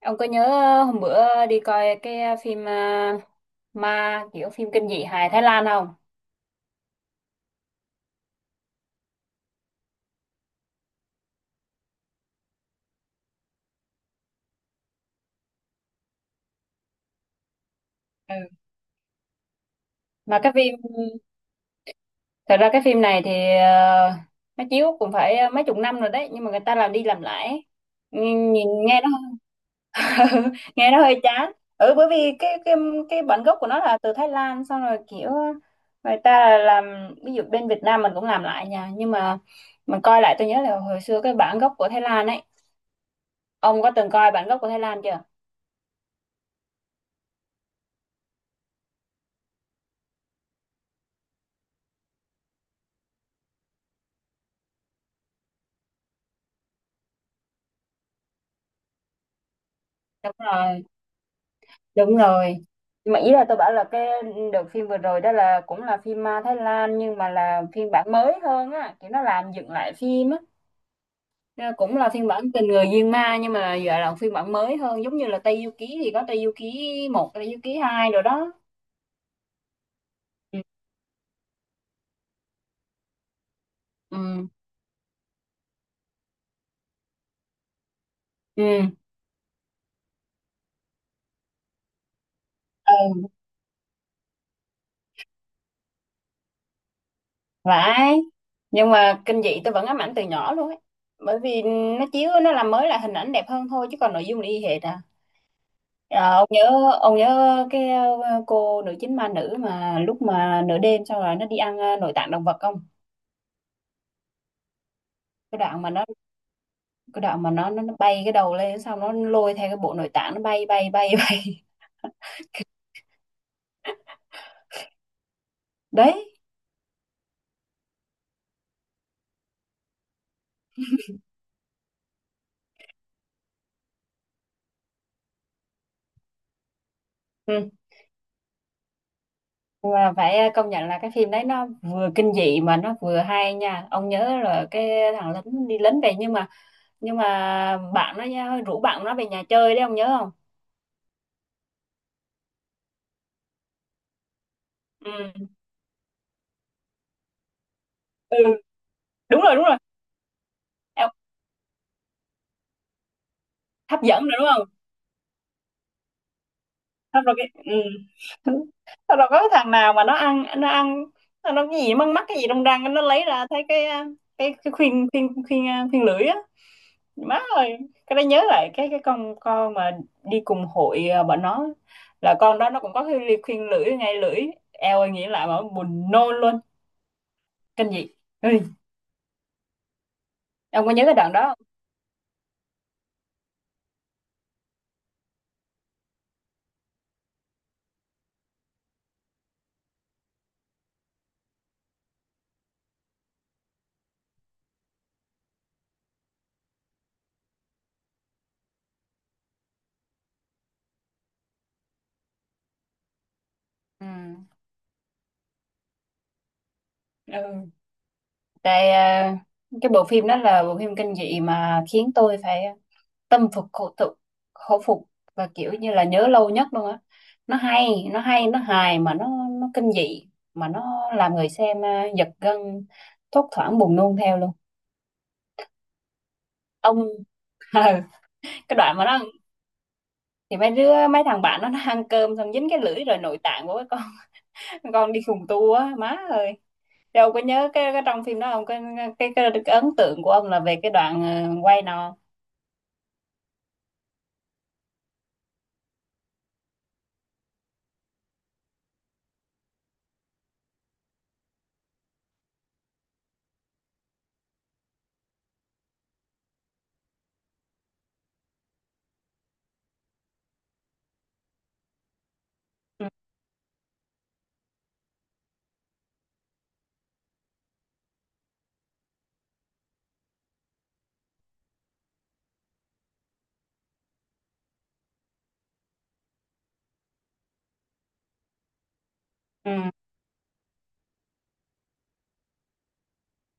Ông có nhớ hôm bữa đi coi cái phim à, ma kiểu phim kinh dị hài Thái Lan không? Ừ. Mà cái phim thật ra cái phim này thì ờ, nó chiếu cũng phải mấy chục năm rồi đấy, nhưng mà người ta làm đi làm lại. Nhìn nghe nó nghe nó hơi chán. Ừ, bởi vì cái cái bản gốc của nó là từ Thái Lan, xong rồi kiểu người ta làm ví dụ bên Việt Nam mình cũng làm lại nha, nhưng mà mình coi lại tôi nhớ là hồi xưa cái bản gốc của Thái Lan ấy. Ông có từng coi bản gốc của Thái Lan chưa? Đúng rồi. Đúng rồi. Nhưng mà ý là tôi bảo là cái đợt phim vừa rồi đó là cũng là phim ma Thái Lan, nhưng mà là phiên bản mới hơn á, kiểu nó làm dựng lại phim á. Nên là cũng là phiên bản Tình Người Diên Ma, nhưng mà giờ là phiên bản mới hơn, giống như là Tây Du Ký thì có Tây Du Ký một, Tây Du Ký hai rồi đó. Ừ. Ừ. Ừ. Ừ, phải. Nhưng mà kinh dị tôi vẫn ám ảnh từ nhỏ luôn ấy, bởi vì nó chiếu nó làm mới là hình ảnh đẹp hơn thôi, chứ còn nội dung là y hệt à. Ờ, ông nhớ, ông nhớ cái cô nữ chính ma nữ mà lúc mà nửa đêm xong rồi nó đi ăn nội tạng động vật không? Cái đoạn mà nó, cái đoạn mà nó nó bay cái đầu lên xong nó lôi theo cái bộ nội tạng, nó bay bay bay bay. Đấy. Ừ. Và phải công nhận là cái phim đấy nó vừa kinh dị mà nó vừa hay nha. Ông nhớ là cái thằng lính đi lính về, nhưng mà bạn nó nha, rủ bạn nó về nhà chơi đấy, ông nhớ không? Ừ. Ừ, đúng rồi, đúng rồi. Em- Hấp dẫn rồi đúng không? Xong rồi cái ừ. Xong rồi có cái thằng nào mà nó ăn nó ăn, nó cái gì mắc mắc cái gì trong răng, nó lấy ra thấy cái à, cái khuyên khuyên khuyên à, khuyên lưỡi á, má ơi. Cái đó nhớ lại cái con mà đi cùng hội à, bọn nó là con đó nó cũng có cái ly khuyên lưỡi ngay lưỡi, eo ơi, nghĩ lại mà buồn nôn luôn. Kinh dị. Ừ, ông có nhớ cái đoạn đó không? Ừ. Ừ. Tại à, cái bộ phim đó là bộ phim kinh dị mà khiến tôi phải tâm phục khẩu phục, khẩu phục, và kiểu như là nhớ lâu nhất luôn á. Nó hay, nó hay, nó hài mà nó kinh dị mà nó làm người xem à, giật gân, thốt thoảng buồn nôn theo luôn. Ông ừ, cái đoạn mà nó, thì mấy đứa mấy thằng bạn nó ăn cơm xong dính cái lưỡi rồi nội tạng của cái con con đi khùng tu á, má ơi. Đâu có nhớ cái trong phim đó không, cái, cái, cái ấn tượng của ông là về cái đoạn quay nào? Ừ. Ừ.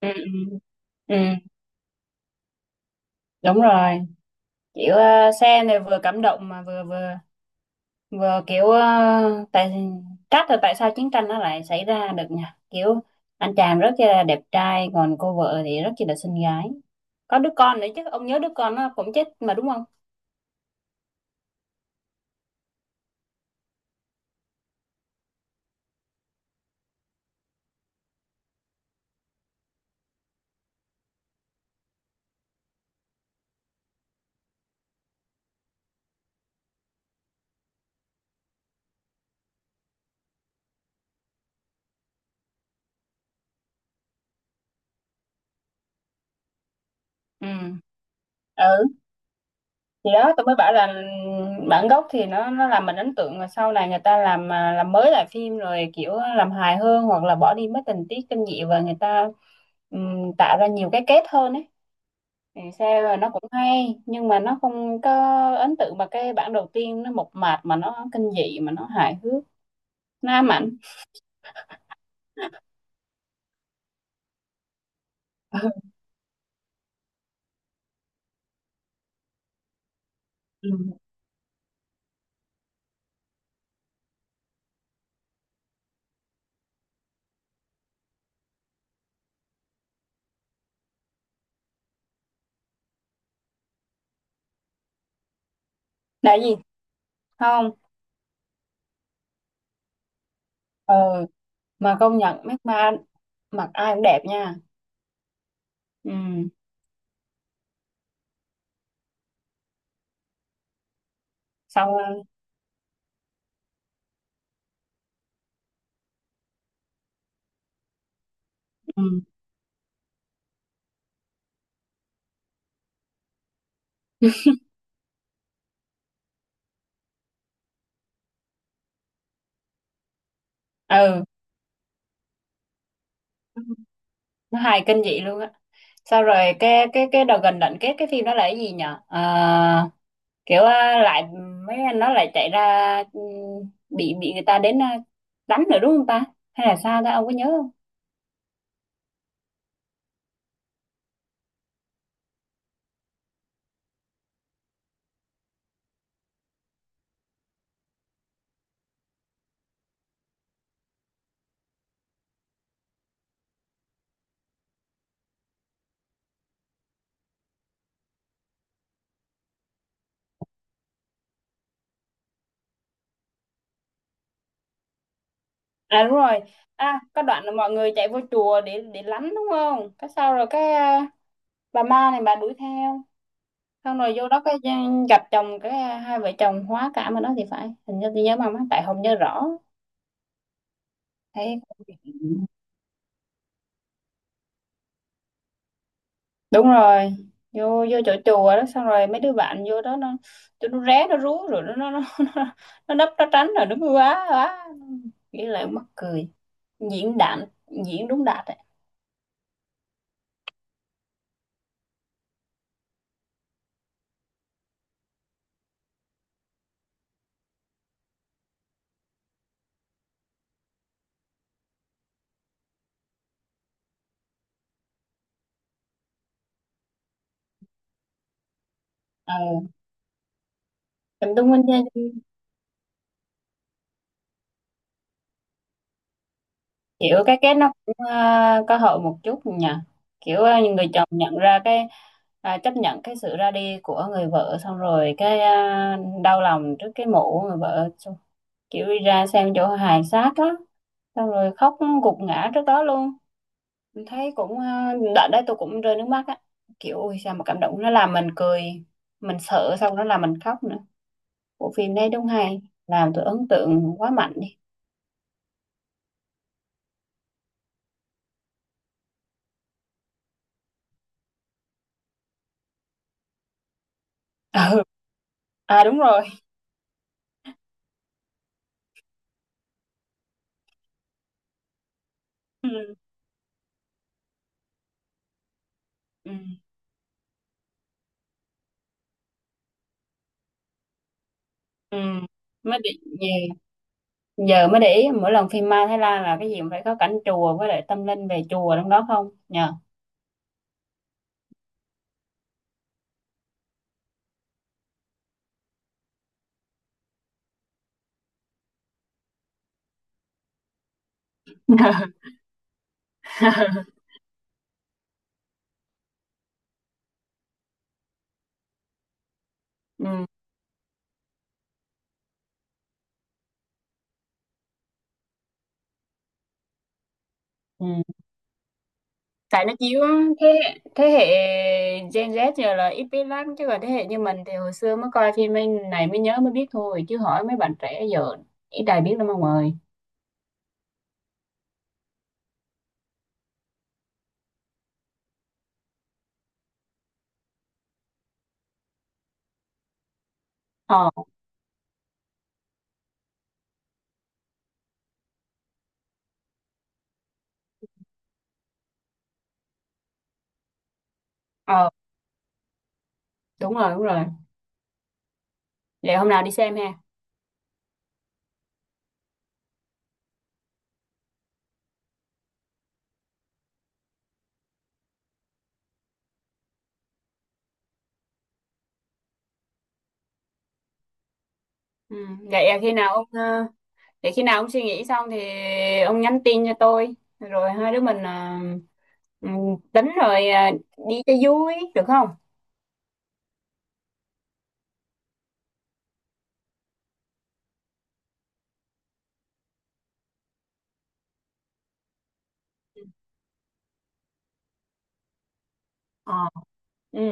Ừ. Ừ. Ừ. Ừ, đúng rồi, kiểu xe này vừa cảm động mà vừa vừa vừa kiểu tại trách là tại sao chiến tranh nó lại xảy ra được nhỉ, kiểu anh chàng rất là đẹp trai còn cô vợ thì rất chỉ là xinh gái, có đứa con nữa chứ, ông nhớ đứa con nó cũng chết mà đúng không? Ừ. Ừ, thì đó tôi mới bảo là bản gốc thì nó làm mình ấn tượng, mà sau này người ta làm à, làm mới lại phim rồi kiểu làm hài hơn hoặc là bỏ đi mấy tình tiết kinh dị, và người ta tạo ra nhiều cái kết hơn ấy. Thì sao là nó cũng hay nhưng mà nó không có ấn tượng, mà cái bản đầu tiên nó mộc mạc mà nó kinh dị mà nó hài hước, nó ám ảnh. Ừ. Đại gì? Không. Ừ, mà công nhận mấy ma mặc ai cũng đẹp nha. Ừ. Xong rồi- ừ. Ừ, nó hài kinh dị luôn á. Sau rồi cái đầu gần đoạn kết cái phim đó là cái gì nhở? Ờ, kiểu à, lại mấy anh nó lại chạy ra ừ, bị người ta đến à, đánh nữa đúng không ta, hay là sao ta, ông có nhớ không? À đúng rồi. À có đoạn là mọi người chạy vô chùa để lánh đúng không? Cái sau rồi cái à, bà ma này bà đuổi theo. Xong rồi vô đó cái gặp chồng, cái à, hai vợ chồng hóa cảm ở đó thì phải. Hình như tôi nhớ mà má, tại không nhớ rõ. Thấy đúng rồi. Vô vô chỗ chùa đó xong rồi mấy đứa bạn vô đó nó, tụi nó ré nó rú rồi nó nó, nó nấp nó tránh rồi, đúng quá quá. Nghĩ lại mắc cười. Diễn đạn, diễn đúng đạt ấy. Ừ. Em đúng anh, kiểu cái kết nó cũng có hậu một chút nhỉ, kiểu những người chồng nhận ra cái à, chấp nhận cái sự ra đi của người vợ, xong rồi cái à, đau lòng trước cái mộ của người vợ, xong kiểu đi ra xem chỗ hài xác á, xong rồi khóc gục ngã trước đó luôn. Mình thấy cũng à, đợt đấy tôi cũng rơi nước mắt á, kiểu ui sao mà cảm động, nó làm mình cười, mình sợ xong nó làm mình khóc nữa. Bộ phim này đúng hay, làm tôi ấn tượng quá mạnh đi. Ừ. À đúng rồi. Ừ. Ừ. Ừ, mới để, giờ, giờ mới để ý mỗi lần phim ma Thái Lan là cái gì cũng phải có cảnh chùa với lại tâm linh về chùa trong đó không nhờ. Ừ. Ừ. Tại nó chiếu thế hệ Gen Z giờ là ít biết lắm, chứ còn thế hệ như mình thì hồi xưa mới coi phim anh này mới nhớ mới biết thôi, chứ hỏi mấy bạn trẻ giờ ít ai biết lắm ông ơi. Ờ. Ờ đúng rồi, đúng rồi, vậy hôm nào đi xem ha. Ừ. Vậy à, khi nào ông để khi nào ông suy nghĩ xong thì ông nhắn tin cho tôi rồi hai đứa mình à, ừ, tính rồi à, đi cho vui được không? Ừ. Ờ. Ừ.